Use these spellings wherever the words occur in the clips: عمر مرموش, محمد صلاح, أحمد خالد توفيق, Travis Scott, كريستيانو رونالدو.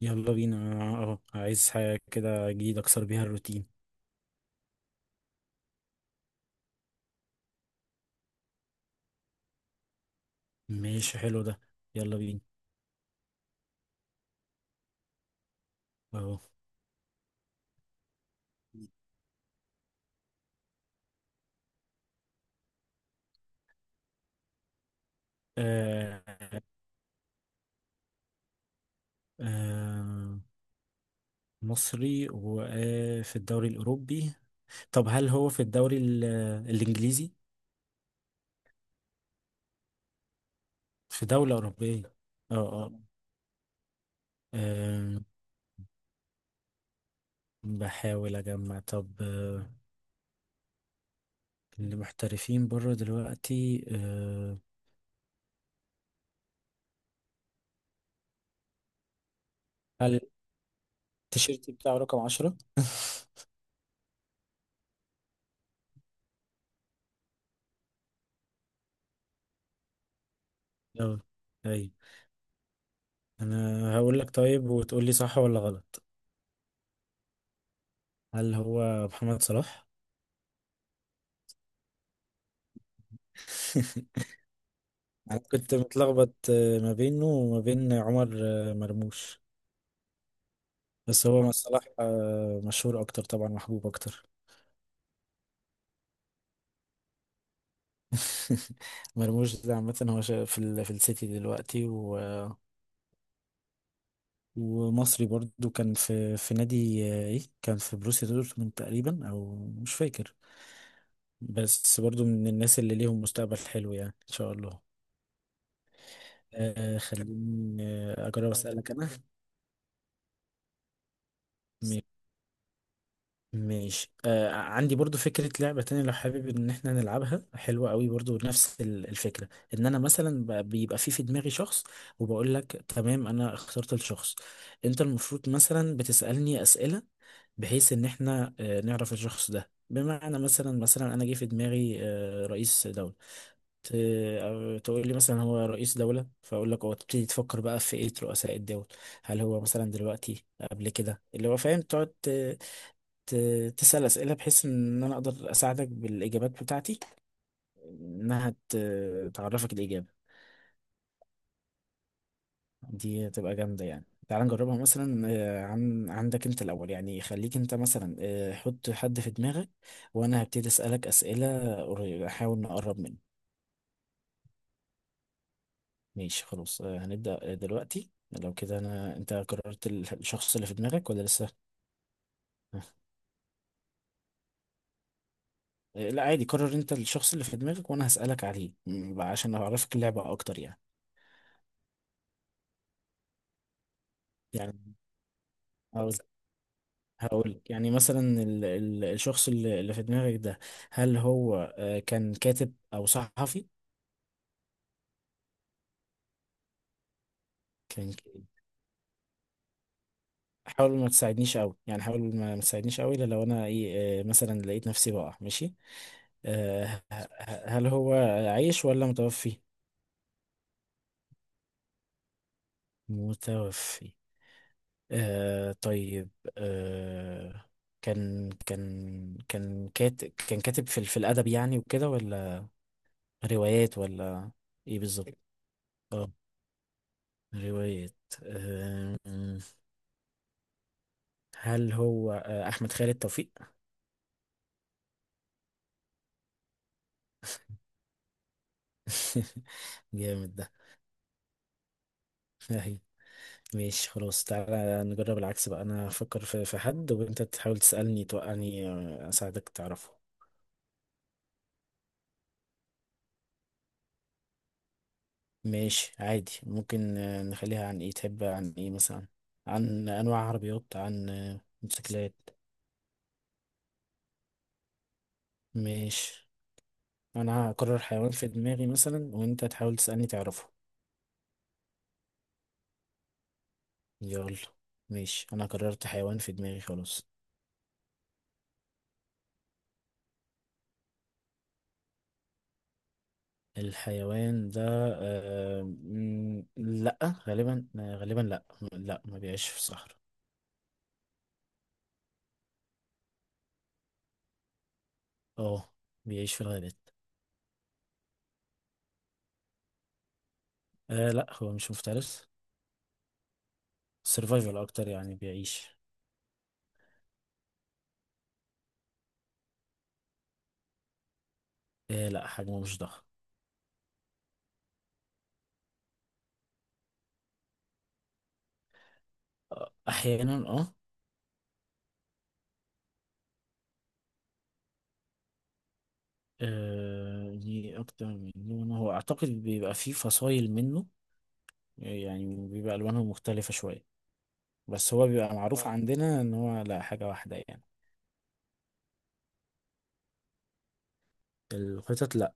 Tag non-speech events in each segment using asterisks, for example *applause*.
يلا بينا. اه عايز حاجة كده جديدة اكسر بيها الروتين. ماشي، حلو ده. يلا بينا. اهو. آه. آه. مصري وفي الدوري الأوروبي. طب هل هو في الدوري الإنجليزي؟ في دولة أوروبية. اه. اه. آه، بحاول أجمع. طب اللي محترفين بره دلوقتي. آه. هل التيشيرت بتاعه رقم 10؟ اه. أيوة. أنا هقول لك طيب وتقول لي صح ولا غلط. هل هو محمد صلاح؟ *laughs* أنا كنت متلخبط ما بينه وما بين عمر مرموش. بس هو مع صلاح مشهور أكتر، طبعا محبوب أكتر. *laughs* مرموش ده عامة، هو في في السيتي دلوقتي ومصري برضو. كان في نادي إيه، كان في بروسيا دورتموند تقريبا، أو مش فاكر. بس برضو من الناس اللي ليهم مستقبل حلو، يعني إن شاء الله. آه، خليني أجرب أسألك أنا. ماشي. آه، عندي برضو فكرة لعبة تانية لو حابب ان احنا نلعبها، حلوة قوي برضو. نفس الفكرة ان انا مثلا بيبقى في دماغي شخص، وبقول لك تمام انا اخترت الشخص. انت المفروض مثلا بتسألني اسئلة بحيث ان احنا نعرف الشخص ده. بمعنى مثلا انا جه في دماغي رئيس دولة. ت- أو تقول لي مثلا هو رئيس دولة، فاقول لك هو. تبتدي تفكر بقى في ايه رؤساء الدول، هل هو مثلا دلوقتي، قبل كده، اللي هو فاهم. تقعد تسأل أسئلة بحيث إن أنا أقدر أساعدك بالإجابات بتاعتي، إنها تعرفك الإجابة. دي هتبقى جامدة، يعني تعال نجربها مثلا. عن عندك أنت الأول، يعني خليك أنت مثلا حط حد في دماغك، وأنا هبتدي أسألك أسئلة أحاول نقرب منه. ماشي خلاص. هنبدأ دلوقتي. لو كده، أنا أنت قررت الشخص اللي في دماغك ولا لسه؟ آه. لا عادي، قرر أنت الشخص اللي في دماغك وأنا هسألك عليه عشان أعرفك اللعبة أكتر يعني. يعني هقول يعني مثلا الشخص اللي في دماغك ده، هل هو كان كاتب او صحفي؟ كان ك- حاول ما تساعدنيش قوي يعني، حاول ما تساعدنيش قوي الا لو انا ايه مثلا لقيت نفسي بقع، ماشي. آه، ه- هل هو عايش ولا متوفي؟ متوفي. آه طيب. آه. كان كاتب في في الادب يعني وكده، ولا روايات، ولا ايه بالظبط؟ اه. روايات. آه، هل هو احمد خالد توفيق؟ *laughs* جامد ده. اهي. ماشي خلاص، تعالى نجرب العكس بقى. انا افكر في حد وانت تحاول تسالني توقعني، اساعدك تعرفه. ماشي عادي، ممكن نخليها عن ايه، تحب عن ايه مثلا؟ عن انواع عربيات، عن موتوسيكلات. ماشي. انا هقرر حيوان في دماغي مثلا وانت تحاول تسالني تعرفه. يلا. ماشي، انا قررت حيوان في دماغي خلاص. الحيوان ده، لا، غالبا لا. لا، ما بيعيش في الصحراء. اه، بيعيش في الغابات. آه لا، هو مش مفترس. سيرفايفل اكتر يعني، بيعيش. آه لا، حجمه مش ضخم. آه احيانا اه. آه، ليه اكتر من لون، هو اعتقد بيبقى فيه فصائل منه يعني، بيبقى الوانهم مختلفة شوية. بس هو بيبقى معروف عندنا ان هو لا، حاجة واحدة يعني. القطط لا.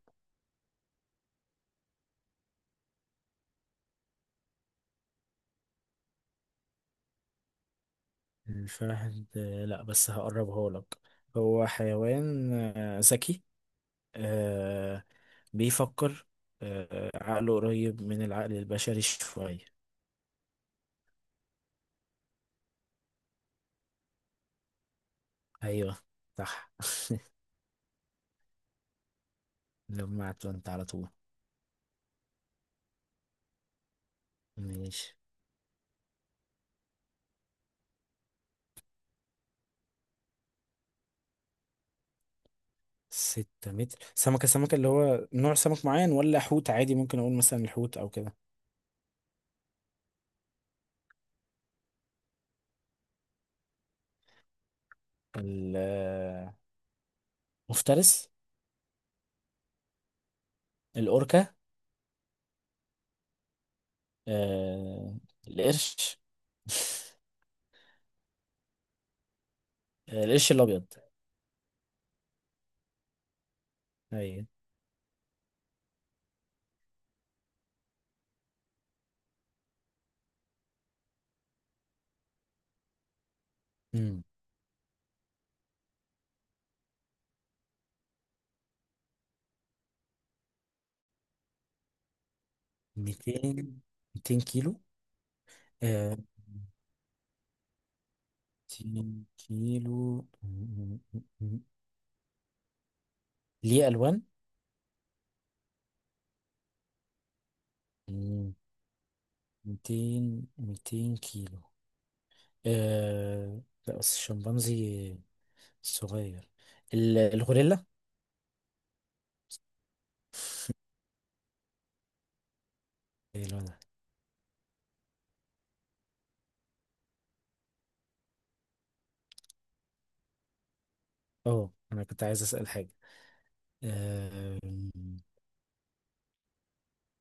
الفهد لا، بس هقربها لك. هو حيوان ذكي، آه، بيفكر، عقله قريب من العقل البشري شوية. أيوه صح. لمعت وانت على طول. ماشي. 6 متر. سمكة اللي هو نوع سمك معين، ولا حوت عادي؟ ممكن أقول مثلا الحوت أو كده. المفترس. الأوركا. آه، القرش. *laughs* القرش الأبيض. أيوه. 200. 200 كيلو. آه. 200 كيلو ليه ألوان. 200. 200 كيلو. آه لا، بس الشمبانزي صغير. الغوريلا. إيه لونها. اه، انا كنت عايز أسأل حاجة. آه،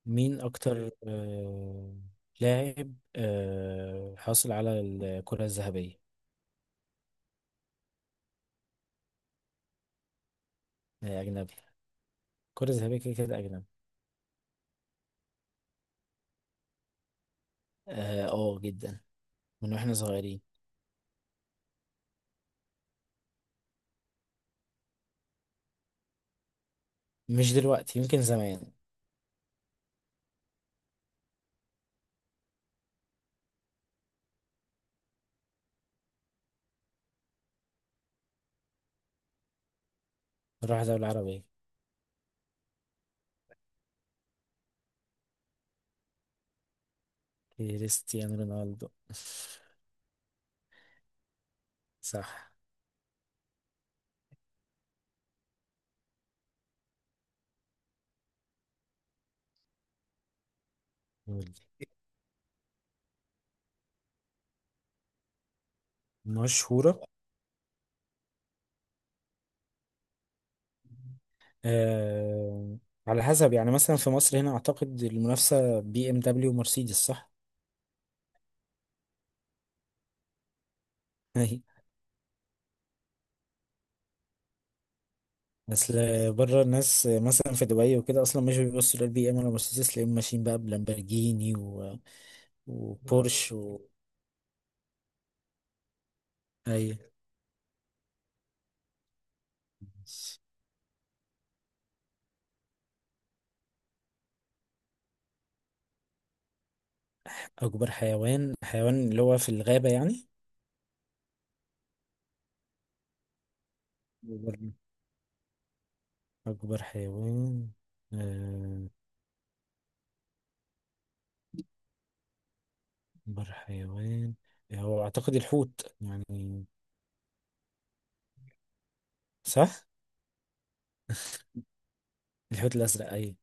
مين اكتر لاعب حاصل على الكرة الذهبية؟ آه، أجنبي. الكرة الذهبية كده كده أجنبي. اه، جدا، من واحنا صغيرين. مش دلوقتي، يمكن زمان. نروح دولة عربية. كريستيانو رونالدو. صح. قول. مشهورة. آه. على حسب يعني، مثلا في مصر هنا أعتقد المنافسة بي ام دبليو ومرسيدس، صح؟ *laughs* أي. أصل بره، الناس مثلا في دبي وكده أصلا مش بيبصوا للبي ام ولا مرسيدس، تلاقيهم ماشيين بقى بلامبرجيني وبورش أي. أكبر حيوان. حيوان اللي هو في الغابة يعني؟ أكبر حيوان آه، أكبر حيوان، هو أعتقد الحوت يعني. صح؟ *laughs* الحوت الأزرق أي.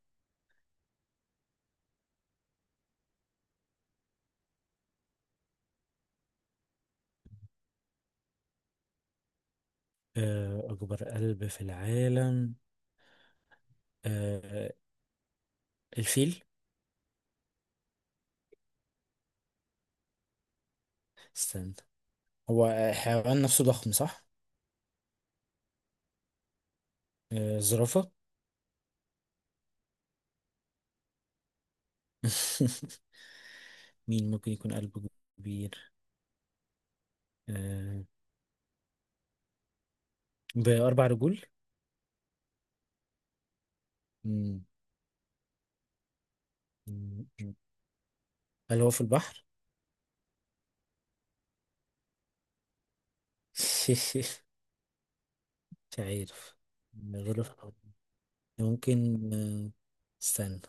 أكبر قلب في العالم. آه، الفيل. استنى، هو حيوان نفسه ضخم صح؟ الزرافة. *laughs* مين ممكن يكون قلبه كبير؟ آه، بأربع رجول؟ مم. مم. هل هو في البحر؟ *laughs* مش عارف. غرف. ممكن استنى.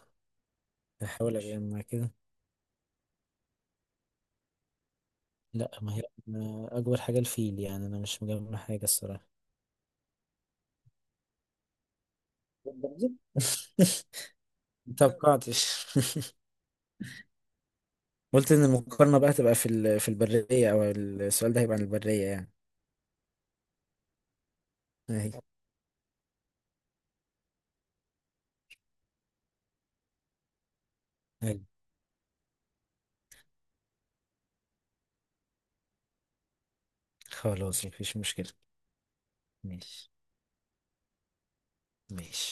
هحاول اجمع كده. لا، ما هي ما اكبر حاجه الفيل يعني، انا مش مجمع حاجه الصراحه. *laughs* متوقعتش. *laughs* قلت ان المقارنه بقى تبقى في في البريه، او السؤال ده هيبقى عن البريه يعني. اهي. أهي. خلاص مفيش مشكله. ماشي. ماشي.